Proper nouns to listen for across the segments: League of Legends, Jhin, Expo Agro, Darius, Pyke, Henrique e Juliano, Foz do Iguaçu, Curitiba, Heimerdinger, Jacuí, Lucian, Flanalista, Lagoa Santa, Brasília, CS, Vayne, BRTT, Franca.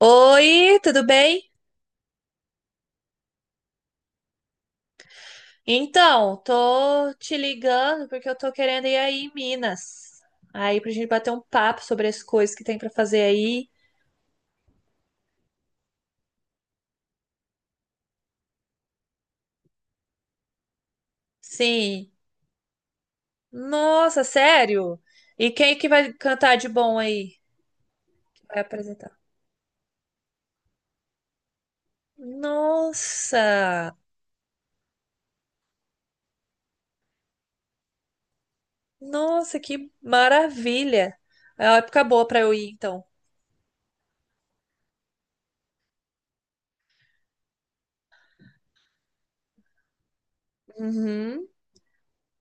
Oi, tudo bem? Então, tô te ligando porque eu tô querendo ir aí em Minas. Aí pra gente bater um papo sobre as coisas que tem pra fazer aí. Sim. Nossa, sério? E quem que vai cantar de bom aí? Que vai apresentar. Nossa! Nossa, que maravilha! É uma época boa pra eu ir, então. Uhum.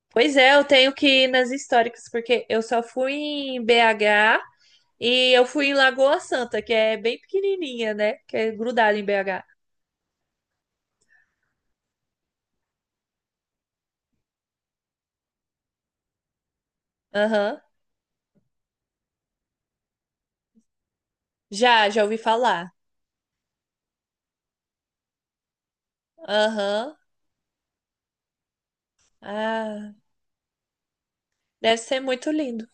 Pois é, eu tenho que ir nas históricas porque eu só fui em BH. E eu fui em Lagoa Santa, que é bem pequenininha, né? Que é grudada em BH. Aham. Já ouvi falar. Aham. Ah, deve ser muito lindo.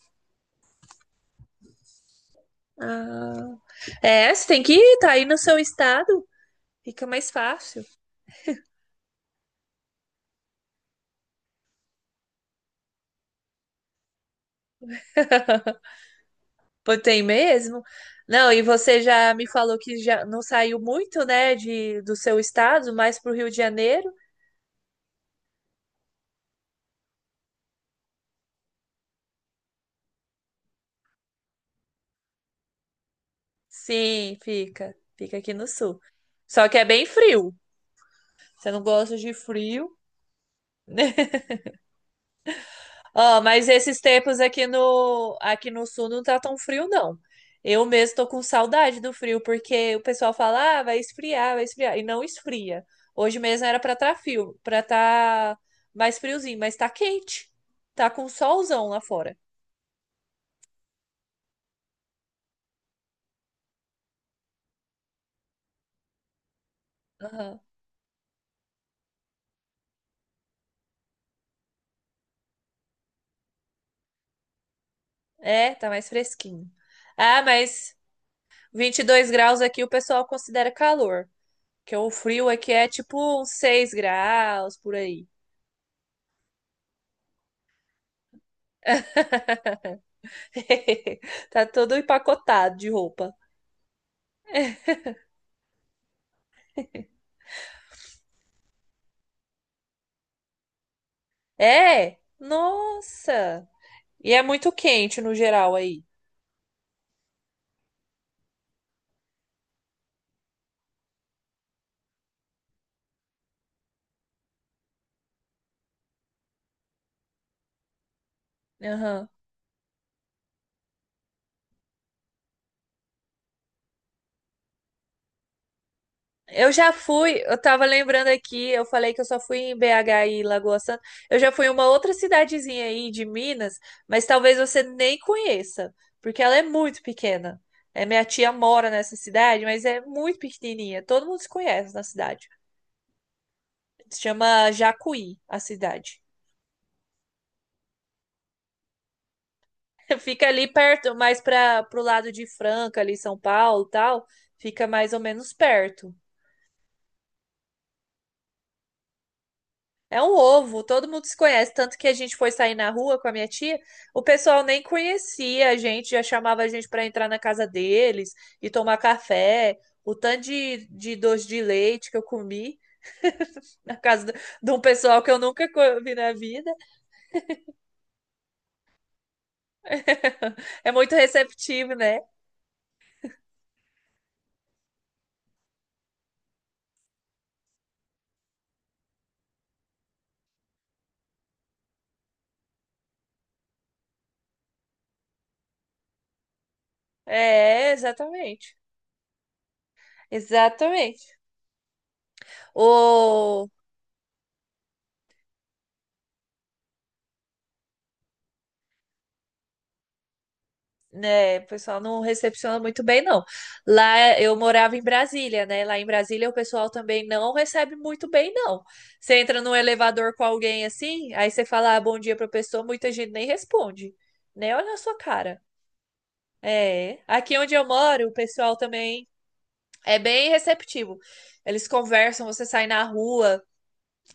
Ah. É, você tem que ir, tá aí no seu estado. Fica mais fácil. Pô, tem mesmo? Não, e você já me falou que já não saiu muito, né, do seu estado, mais pro Rio de Janeiro? Sim, fica. Fica aqui no sul. Só que é bem frio. Você não gosta de frio? Ó, mas esses tempos aqui aqui no sul não tá tão frio, não. Eu mesmo tô com saudade do frio, porque o pessoal fala, ah, vai esfriar, e não esfria. Hoje mesmo era pra tá frio, pra tá mais friozinho, mas tá quente. Tá com solzão lá fora. Aham. É, tá mais fresquinho. Ah, mas 22 graus aqui o pessoal considera calor, que o frio aqui é tipo uns 6 graus por aí. Tá todo empacotado de roupa. É? Nossa! E é muito quente no geral aí. Aham. Eu já fui, eu tava lembrando aqui, eu falei que eu só fui em BH e Lagoa Santa. Eu já fui em uma outra cidadezinha aí de Minas, mas talvez você nem conheça, porque ela é muito pequena. É, minha tia mora nessa cidade, mas é muito pequenininha. Todo mundo se conhece na cidade. Se chama Jacuí, a cidade. Fica ali perto, mais para pro lado de Franca, ali São Paulo, e tal. Fica mais ou menos perto. É um ovo, todo mundo se conhece. Tanto que a gente foi sair na rua com a minha tia, o pessoal nem conhecia a gente, já chamava a gente para entrar na casa deles e tomar café. O tanto de doce de leite que eu comi na casa de um pessoal que eu nunca vi na vida. É muito receptivo, né? É, exatamente. Exatamente. Ô, né, o pessoal não recepciona muito bem, não. Lá eu morava em Brasília, né? Lá em Brasília o pessoal também não recebe muito bem, não. Você entra num elevador com alguém assim, aí você fala ah, bom dia pra pessoa, muita gente nem responde, né? Olha a sua cara. É. Aqui onde eu moro, o pessoal também é bem receptivo. Eles conversam, você sai na rua.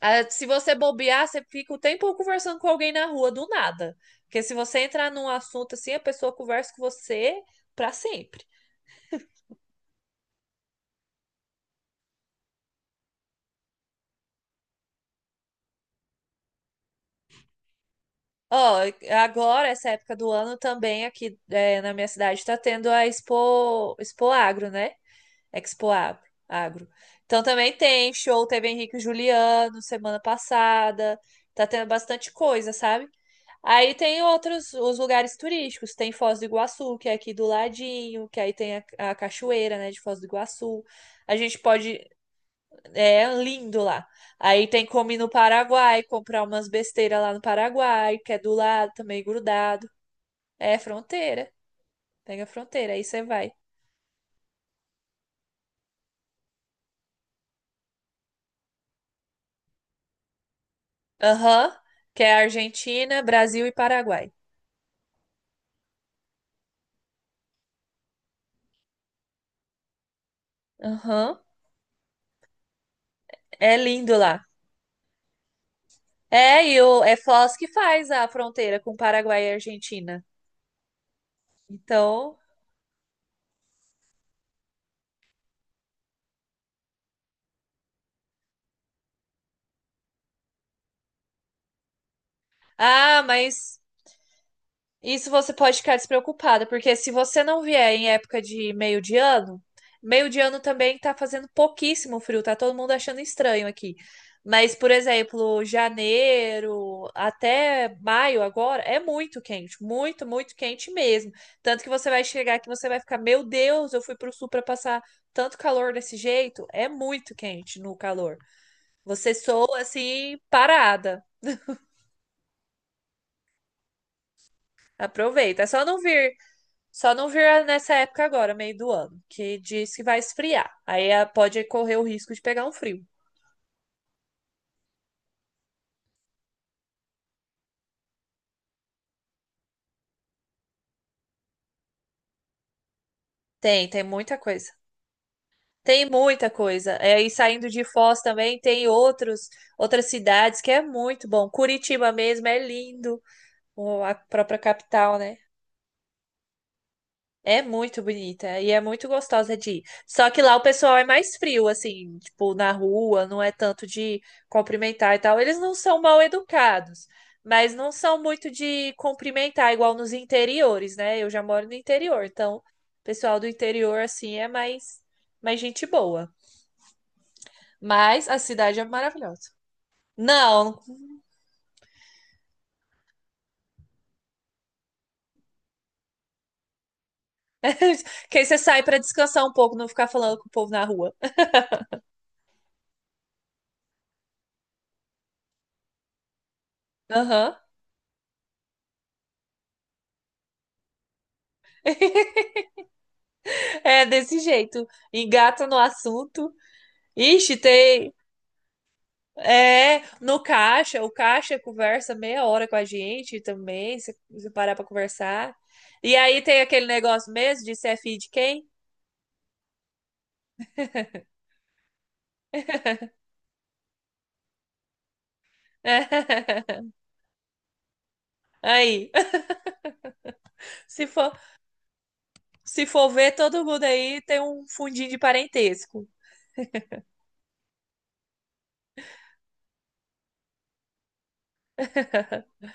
Ah, se você bobear, você fica o tempo conversando com alguém na rua, do nada. Porque se você entrar num assunto assim, a pessoa conversa com você pra sempre. Ó, agora, essa época do ano também aqui é, na minha cidade tá tendo a Expo, Expo Agro, né? Expo Agro. Agro. Então também tem show, teve Henrique e Juliano semana passada, tá tendo bastante coisa, sabe? Aí tem outros, os lugares turísticos, tem Foz do Iguaçu, que é aqui do ladinho, que aí tem a cachoeira, né, de Foz do Iguaçu. A gente pode. É lindo lá. Aí tem como ir no Paraguai, comprar umas besteiras lá no Paraguai, que é do lado também, grudado. É fronteira. Pega a fronteira, aí você vai. Aham. Que é Argentina, Brasil e Paraguai. Aham. É lindo lá. É, e o, é Foz que faz a fronteira com Paraguai e Argentina. Então. Ah, mas isso você pode ficar despreocupada, porque se você não vier em época de meio de ano também tá fazendo pouquíssimo frio, tá todo mundo achando estranho aqui. Mas, por exemplo, janeiro até maio agora é muito quente, muito, muito quente mesmo. Tanto que você vai chegar aqui, você vai ficar, meu Deus, eu fui pro sul para passar tanto calor desse jeito. É muito quente no calor. Você soa assim parada. Aproveita. É só não vir. Só não vira nessa época agora, meio do ano, que diz que vai esfriar. Aí ah, pode correr o risco de pegar um frio. Tem muita coisa. Tem muita coisa. É, e saindo de Foz também tem outros, outras cidades que é muito bom. Curitiba mesmo é lindo, a própria capital, né? É muito bonita e é muito gostosa de ir. Só que lá o pessoal é mais frio, assim, tipo, na rua, não é tanto de cumprimentar e tal. Eles não são mal educados, mas não são muito de cumprimentar, igual nos interiores, né? Eu já moro no interior, então o pessoal do interior, assim, é mais, gente boa. Mas a cidade é maravilhosa. Não, que aí você sai pra descansar um pouco, não ficar falando com o povo na rua. Aham. É desse jeito. Engata no assunto. Ixi, tem. É, no caixa, o caixa conversa meia hora com a gente também, se parar pra conversar. E aí tem aquele negócio mesmo de ser filho de quem? Aí, se for, se for ver, todo mundo aí tem um fundinho de parentesco.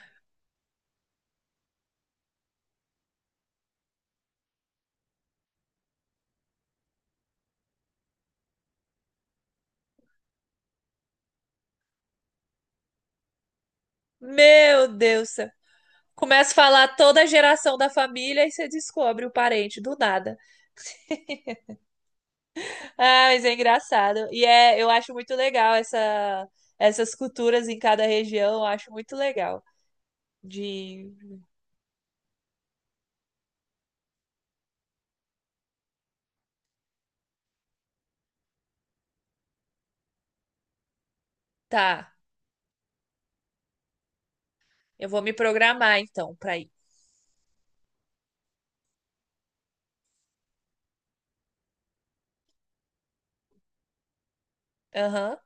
Meu Deus, do céu. Começa a falar toda a geração da família e você descobre o parente do nada. Ah, mas é engraçado. E é, eu acho muito legal essas culturas em cada região, eu acho muito legal. De, tá, eu vou me programar então pra ir. Aham.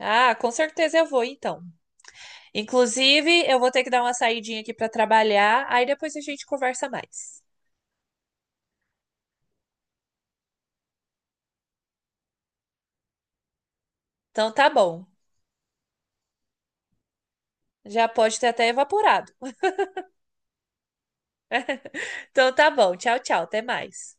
Ah, com certeza eu vou então. Inclusive, eu vou ter que dar uma saidinha aqui pra trabalhar, aí depois a gente conversa mais. Então tá bom. Já pode ter até evaporado. Então tá bom. Tchau, tchau. Até mais.